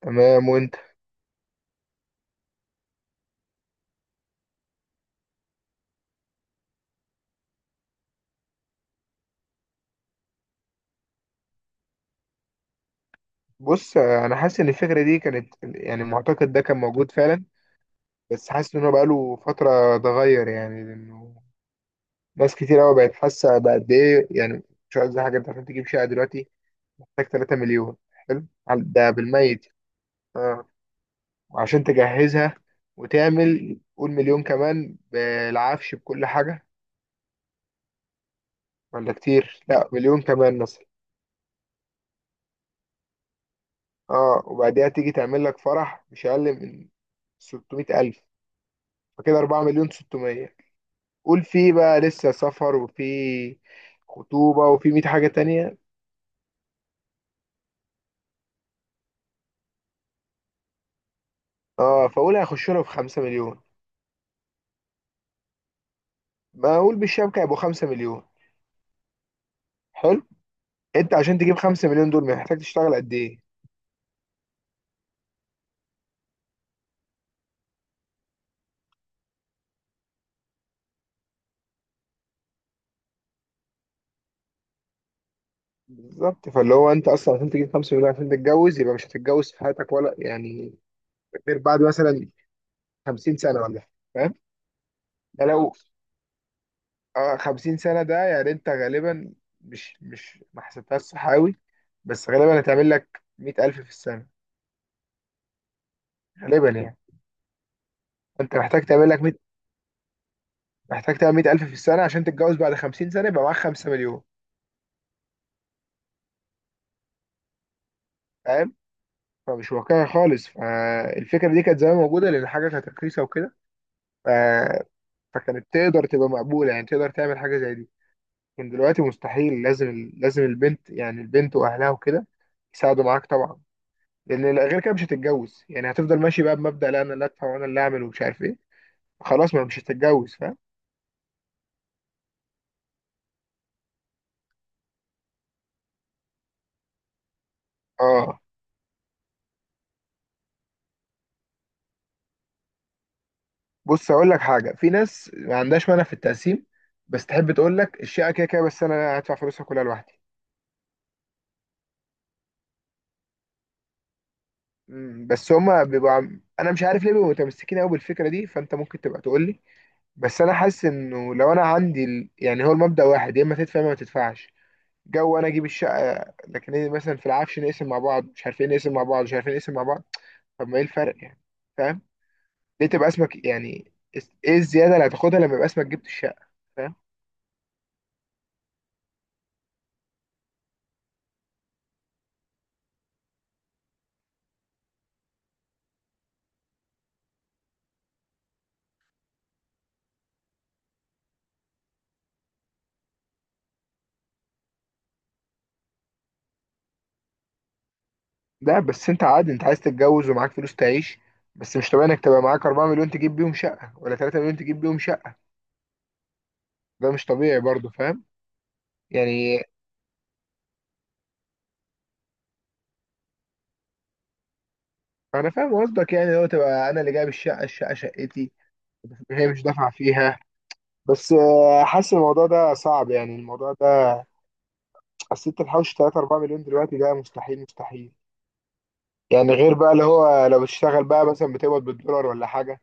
تمام وانت؟ بص، انا حاسس ان الفكره دي كانت، يعني، المعتقد ده كان موجود فعلا. بس حاسس ان هو بقاله فتره اتغير، يعني، لانه ناس كتير قوي بقت حاسه بقد ايه يعني. مش قصدي حاجه، انت عشان تجيب شقه دلوقتي محتاج 3 مليون. حلو. ده بالميت. اه، وعشان تجهزها وتعمل، قول، مليون كمان بالعفش بكل حاجه، ولا كتير، لا، مليون كمان مثلا. اه، وبعديها تيجي تعمل لك فرح مش اقل من 600000، فكده 4 مليون ستمائة. قول فيه بقى لسه سفر وفي خطوبة وفي 100 حاجة تانية. اه، فقول هيخش له في 5 مليون. ما اقول بالشبكة هيبقوا 5 مليون. حلو. انت عشان تجيب 5 مليون دول محتاج تشتغل قد ايه؟ بالظبط. فاللي هو انت اصلا عشان تجيب 5 مليون عشان تتجوز يبقى مش هتتجوز في حياتك ولا، يعني، غير بعد، مثلا، 50 سنة ولا حاجة، فاهم؟ ده لو، اه 50 سنة، ده يعني انت غالبا مش ما حسبتهاش صح قوي، بس غالبا هتعمل لك 100000 في السنة، غالبا يعني. انت محتاج تعمل لك، محتاج تبقى 100000 في السنة عشان تتجوز بعد 50 سنة يبقى معاك 5 مليون، فاهم؟ فمش واقعي خالص. فالفكرة دي كانت زمان موجودة لأن الحاجة كانت رخيصة وكده. ف... فكانت تقدر تبقى مقبولة، يعني تقدر تعمل حاجة زي دي. لكن دلوقتي مستحيل. لازم البنت، يعني البنت وأهلها وكده، يساعدوا معاك طبعا. لأن غير كده مش هتتجوز، يعني هتفضل ماشي بقى بمبدأ لا أنا اللي أدفع وأنا اللي أعمل ومش عارف إيه. خلاص، ما مش هتتجوز، فاهم؟ اه. بص، اقول لك حاجه، في ناس ما عندهاش مانع في التقسيم، بس تحب تقول لك الشقه كده كده بس انا هدفع فلوسها كلها لوحدي. مم، بس هما بيبقوا انا مش عارف ليه بيبقوا متمسكين قوي بالفكره دي، فانت ممكن تبقى تقول لي. بس انا حاسس انه لو انا عندي يعني، هو المبدأ واحد، يا اما تدفع يا اما ما تدفعش. جو انا اجيب الشقه لكن، إيه، مثلا في العفش، نقسم مع بعض مش عارفين نقسم مع بعض مش عارفين نقسم مع بعض. طب ما ايه الفرق يعني؟ فاهم؟ ليه تبقى اسمك، يعني ايه الزياده اللي هتاخدها لما يبقى اسمك جبت الشقه؟ فاهم؟ لا، بس انت عادي، انت عايز تتجوز ومعاك فلوس تعيش. بس مش طبيعي انك تبقى معاك 4 مليون تجيب بيهم شقة، ولا 3 مليون تجيب بيهم شقة. ده مش طبيعي برضه، فاهم؟ يعني انا فاهم قصدك، يعني لو تبقى انا اللي جايب الشقة شقتي، هي مش دافعة فيها. بس، حاسس الموضوع ده صعب، يعني الموضوع ده، اصل انت تحوش 3 4 مليون دلوقتي، ده مستحيل مستحيل. يعني غير بقى اللي هو لو بتشتغل بقى مثلا بتقبض بالدولار ولا حاجة،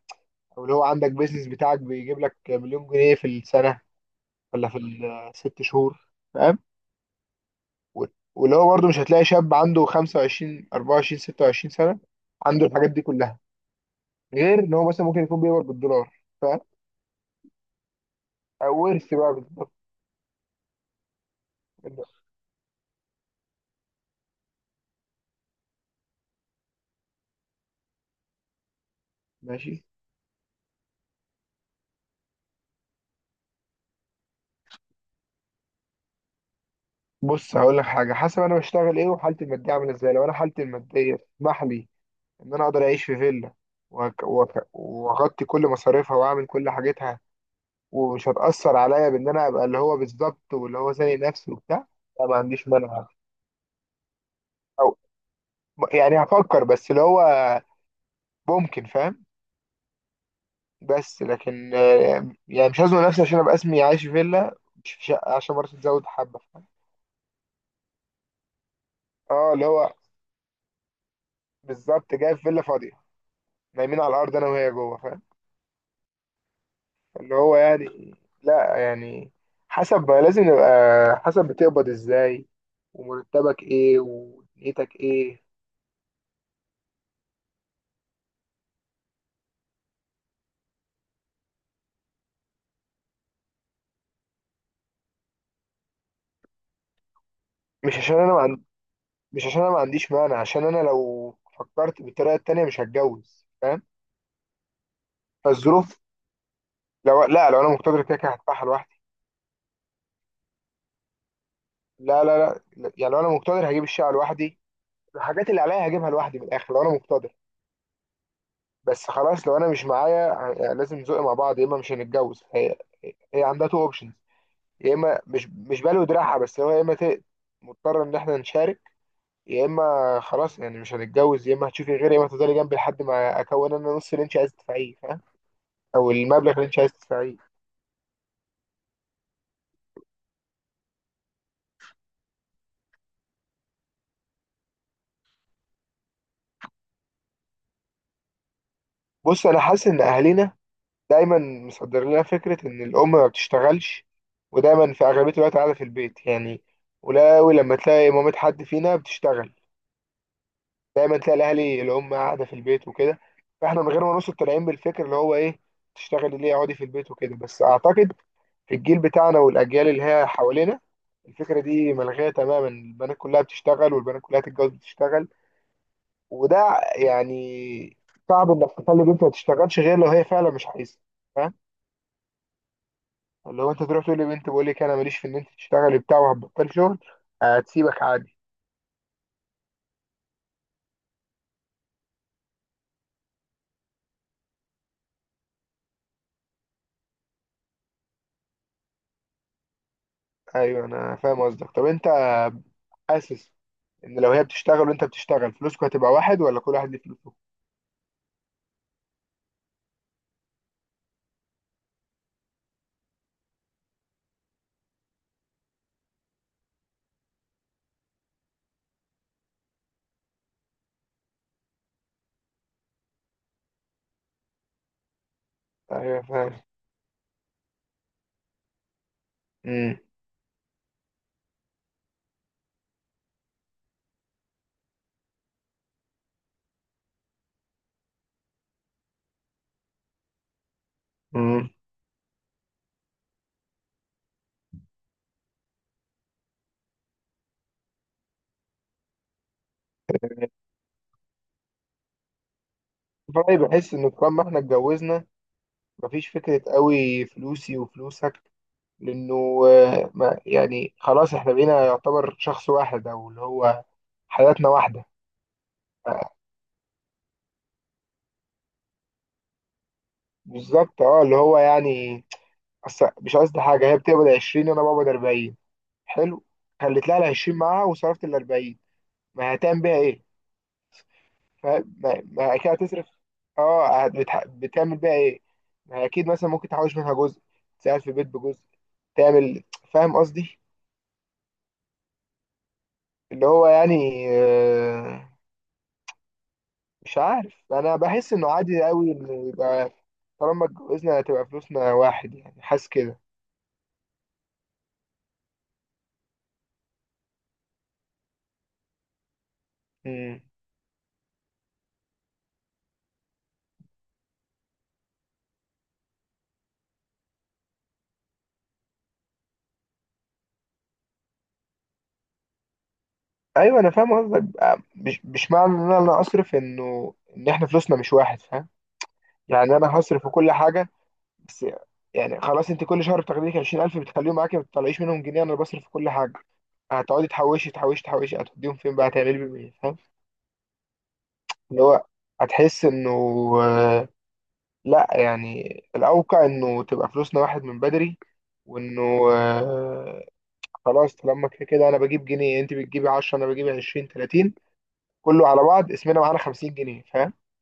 او اللي هو عندك بيزنس بتاعك بيجيب لك مليون جنيه في السنة ولا في الست شهور. و- واللي هو برضه مش هتلاقي شاب عنده 25 24 26 سنة عنده الحاجات دي كلها، غير ان هو مثلا ممكن يكون بيقبض بالدولار. فورث بقى بالظبط. كده. ماشي. بص، هقول لك حاجة، حسب انا بشتغل ايه وحالتي المادية عاملة ازاي. لو انا حالتي المادية تسمح لي ان انا اقدر اعيش في فيلا، واغطي كل مصاريفها واعمل كل حاجتها ومش هتأثر عليا، بان انا ابقى اللي هو بالظبط، واللي هو زي نفسي وبتاع، لا، ما عنديش مانع. او، يعني، هفكر، بس اللي هو ممكن، فاهم؟ بس لكن، يعني مش هزنق نفسي عشان ابقى اسمي عايش في فيلا مش في شقه، عشان برضه تزود حبه، فاهم؟ اه، اللي هو بالظبط، جاي في فيلا فاضيه، نايمين على الارض انا وهي جوه، فاهم؟ اللي هو يعني، لا يعني، حسب، لازم نبقى، حسب بتقبض ازاي، ومرتبك ايه، ودنيتك ايه. مش عشان انا ما عن... مش عشان انا ما عنديش مانع، عشان انا لو فكرت بالطريقه التانيه مش هتجوز، فاهم؟ فالظروف، لو لا لو انا مقتدر كده كده هدفعها لوحدي. لا، لا، لا، لا، يعني لو انا مقتدر هجيب الشقه لوحدي، الحاجات اللي عليا هجيبها لوحدي من الاخر، لو انا مقتدر. بس خلاص لو انا مش معايا، يعني لازم نزق مع بعض، يا اما مش هنتجوز. هي عندها تو اوبشنز، يا اما مش بالو دراعها، بس هو يا اما مضطر ان احنا نشارك، يا اما خلاص يعني مش هنتجوز، يا اما هتشوفي غيري، يا اما هتفضلي جنبي لحد ما اكون انا نص اللي انت عايز تدفعيه، فاهم؟ او المبلغ اللي انت عايز تدفعيه. بص، انا حاسس ان اهالينا دايما مصدر لنا فكره ان الام ما بتشتغلش، ودايما في اغلبيه الوقت قاعده في البيت يعني. ولا أوي لما تلاقي مامة حد فينا بتشتغل. دايما تلاقي الاهلي الام قاعده في البيت وكده. فاحنا من غير ما نوصل طالعين بالفكر اللي هو ايه، تشتغلي ليه، اقعدي في البيت وكده. بس اعتقد في الجيل بتاعنا والاجيال اللي هي حوالينا الفكره دي ملغيه تماما. البنات كلها بتشتغل، والبنات كلها تتجوز بتشتغل. وده يعني صعب انك تخلي بنت ما تشتغلش غير لو هي فعلا مش عايزه، فاهم؟ اللي هو انت تروح تقول لبنت بقول لك انا ماليش في ان انت تشتغلي بتاع، وهتبطلي شغل، هتسيبك عادي. ايوه، انا فاهم قصدك. طب انت حاسس ان لو هي بتشتغل وانت بتشتغل، فلوسكوا هتبقى واحد، ولا كل واحد ليه فلوسه؟ ايوه، فاهم. امم امم فأنا بحس ان طالما احنا اتجوزنا مفيش فكره قوي فلوسي وفلوسك، لانه، ما يعني خلاص احنا بقينا يعتبر شخص واحد، او اللي هو حياتنا واحده. بالظبط، اه، اللي هو يعني أصل، مش قصدي حاجه، هي بتقبض 20 وانا بقبض 40. حلو. خليت لها ال 20 معاها وصرفت ال 40، ما هتعمل بيها ايه؟ فاهم؟ ما اكيد هتصرف. اه، بتعمل بقى ايه؟ ما اكيد مثلا ممكن تحوش منها جزء، تساعد في البيت بجزء، تعمل، فاهم قصدي؟ اللي هو يعني، مش عارف، انا بحس انه عادي قوي انه يبقى، طالما اتجوزنا هتبقى فلوسنا واحد يعني، حاسس كده. مم. ايوه، انا فاهم قصدك. مش معنى ان انا اصرف انه ان احنا فلوسنا مش واحد، فاهم؟ يعني انا هصرف في كل حاجه. بس يعني خلاص، انت كل شهر بتاخدي لك 20000 بتخليهم معاكي ما بتطلعيش منهم جنيه، انا بصرف في كل حاجه، هتقعدي تحوشي تحوشي تحوشي، هتوديهم فين بقى؟ هتعملي بيهم ايه؟ فاهم؟ اللي هو هتحس انه، آه، لا يعني الاوقع انه تبقى فلوسنا واحد من بدري، وانه، آه، خلاص طالما كده كده انا بجيب جنيه انت بتجيبي 10 انا بجيب 20 30 كله على بعض اسمنا معانا 50 جنيه، فاهم؟